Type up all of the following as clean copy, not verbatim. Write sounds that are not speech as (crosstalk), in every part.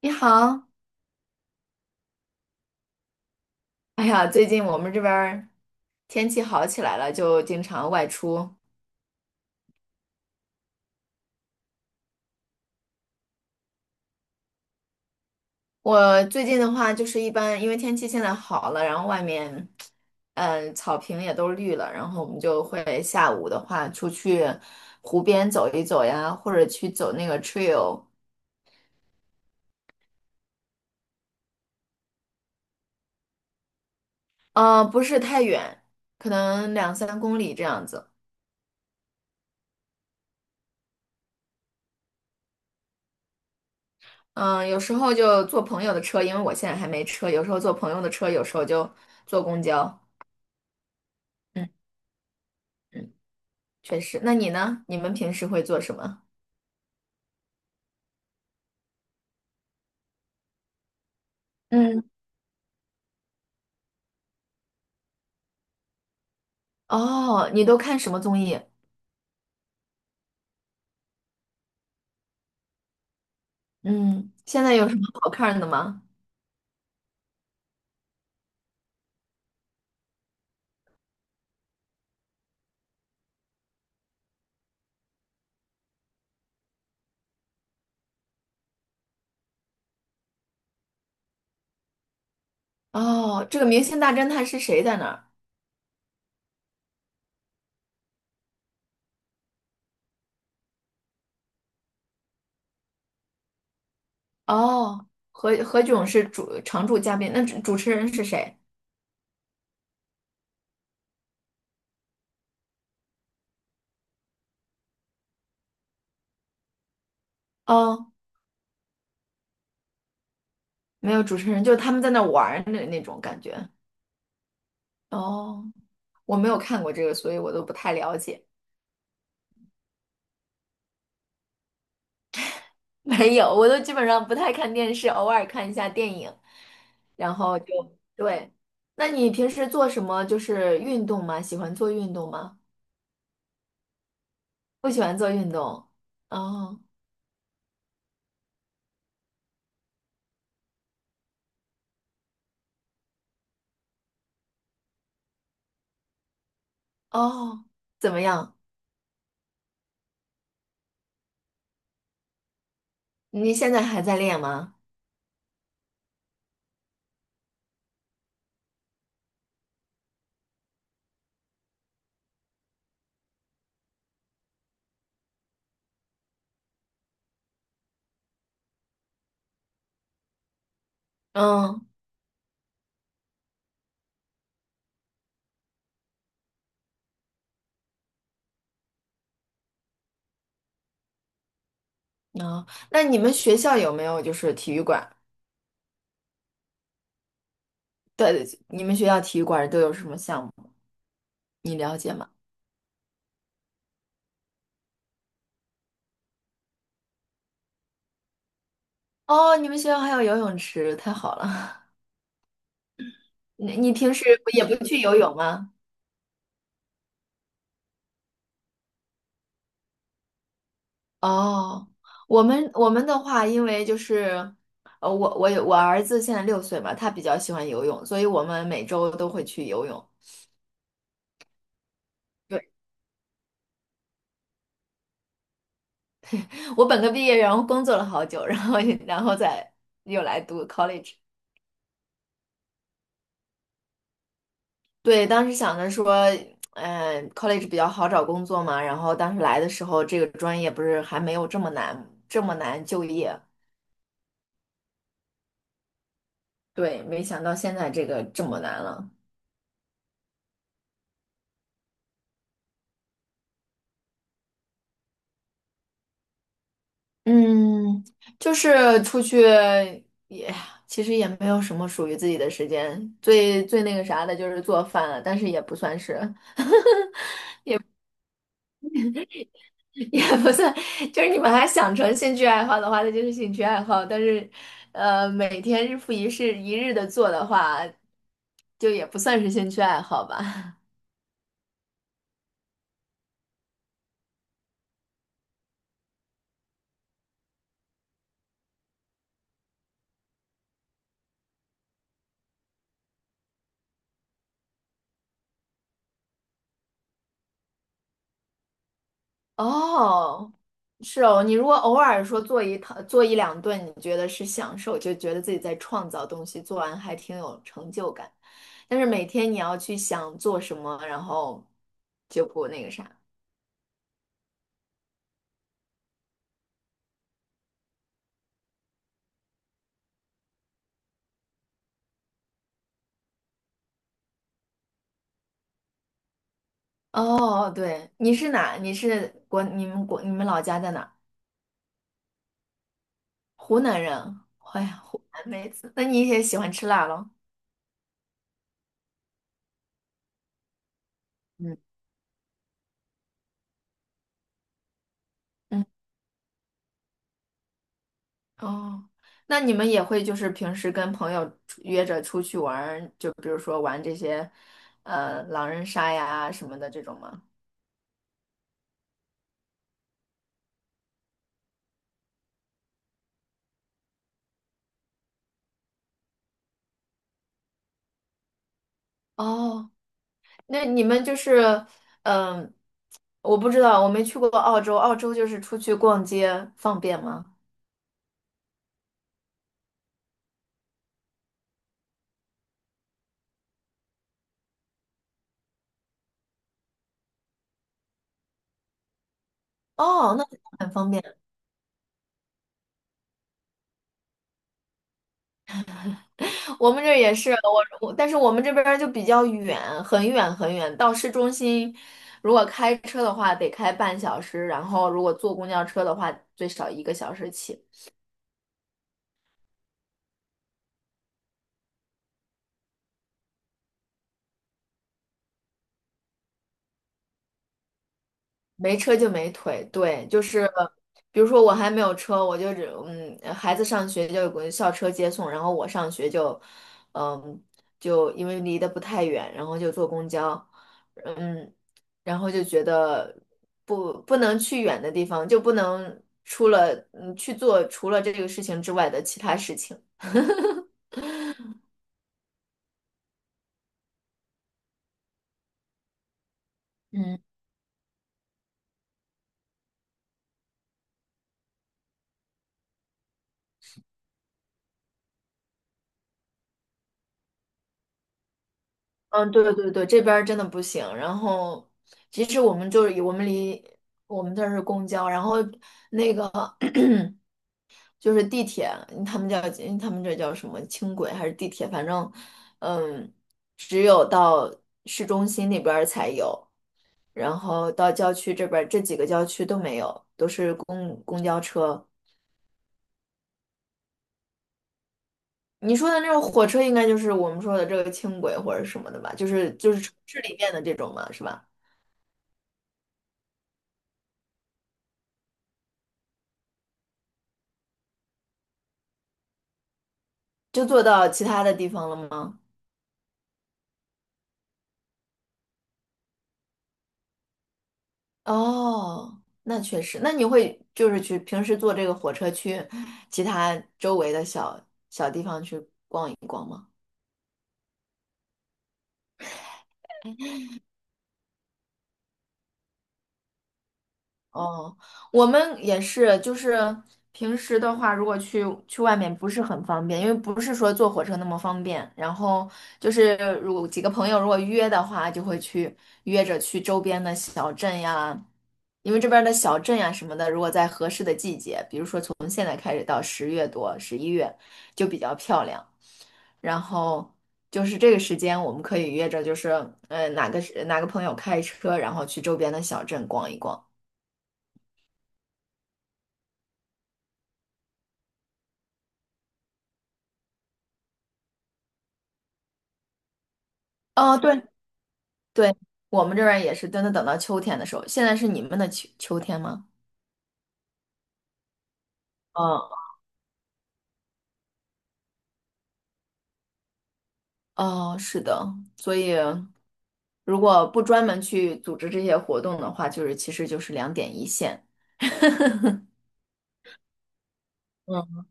你好，哎呀，最近我们这边儿天气好起来了，就经常外出。我最近的话，就是一般因为天气现在好了，然后外面，草坪也都绿了，然后我们就会下午的话出去湖边走一走呀，或者去走那个 trail，不是太远，可能两三公里这样子。嗯，有时候就坐朋友的车，因为我现在还没车，有时候坐朋友的车，有时候就坐公交。嗯嗯。确实。那你呢？你们平时会做什么？嗯，哦，你都看什么综艺？嗯，现在有什么好看的吗？哦，这个《明星大侦探》是谁在那儿？哦，何炅是主常驻嘉宾，那主持人是谁？哦，没有主持人，就是他们在那玩儿的那种感觉。哦，我没有看过这个，所以我都不太了解。(laughs) 没有，我都基本上不太看电视，偶尔看一下电影，然后就对。那你平时做什么？就是运动吗？喜欢做运动吗？不喜欢做运动。哦哦，怎么样？你现在还在练吗？嗯哦，那你们学校有没有就是体育馆？对，对你们学校体育馆都有什么项目？你了解吗？哦，你们学校还有游泳池，太好了。(laughs) 你你平时不也不去游泳吗？哦，我们的话，因为就是，我有我儿子现在6岁嘛，他比较喜欢游泳，所以我们每周都会去游泳。对，我本科毕业，然后工作了好久，(laughs) 然后再又来读 college。对，当时想着说，college 比较好找工作嘛，然后当时来的时候，这个专业不是还没有这么难，这么难就业。对，没想到现在这个这么难了。嗯，就是出去也其实也没有什么属于自己的时间，最那个啥的就是做饭了，但是也不算是，(laughs) 也不算，就是你把它想成兴趣爱好的话，那就是兴趣爱好，但是每天日复一日的做的话，就也不算是兴趣爱好吧。哦，是哦，你如果偶尔说做一两顿，你觉得是享受，就觉得自己在创造东西，做完还挺有成就感。但是每天你要去想做什么，然后就不那个啥。哦，对，你是哪？你是国？你们国？你们老家在哪儿湖南人。哎呀，湖南妹子，那你也喜欢吃辣咯？嗯嗯。哦，那你们也会就是平时跟朋友出约着出去玩儿，就比如说玩这些，狼人杀呀什么的这种吗？哦，那你们就是，嗯、我不知道，我没去过澳洲，澳洲就是出去逛街方便吗？哦，那 (laughs) 很方便。(laughs) 我们这儿也是，但是我们这边儿就比较远，很远很远，到市中心，如果开车的话得开半小时，然后如果坐公交车的话最少1个小时起。没车就没腿，对，就是比如说我还没有车，我就只孩子上学就有个校车接送，然后我上学就，嗯，就因为离得不太远，然后就坐公交，嗯，然后就觉得不能去远的地方，就不能除了去做除了这个事情之外的其他事情。嗯，嗯，对对对，这边儿真的不行。然后，其实我们就是我们离我们这儿是公交，然后那个。就是地铁，他们叫他们这叫什么轻轨还是地铁，反正，嗯，只有到市中心那边儿才有，然后到郊区这边儿这几个郊区都没有，都是公交车。你说的那种火车，应该就是我们说的这个轻轨或者什么的吧？就是城市里面的这种嘛，是吧？就坐到其他的地方了吗？哦，那确实，那你会就是去平时坐这个火车去其他周围的小地方去逛一逛吗？哦，我们也是，就是平时的话，如果去外面不是很方便，因为不是说坐火车那么方便。然后就是如果几个朋友如果约的话，就会去约着去周边的小镇呀，因为这边的小镇呀什么的，如果在合适的季节，比如说从现在开始到10月多、11月，就比较漂亮。然后就是这个时间，我们可以约着，就是呃哪个哪个朋友开车，然后去周边的小镇逛一逛。哦，对，对，我们这边儿也是真的等到秋天的时候，现在是你们的秋天吗？嗯，哦，是的，所以如果不专门去组织这些活动的话，就是其实就是两点一线。嗯，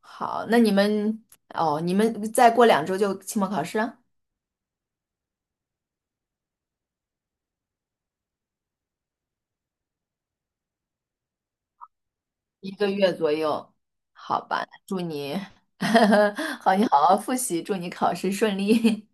好，那你们哦，你们再过2周就期末考试啊1个月左右，好吧？祝你，(laughs) 好，你好好复习，祝你考试顺利。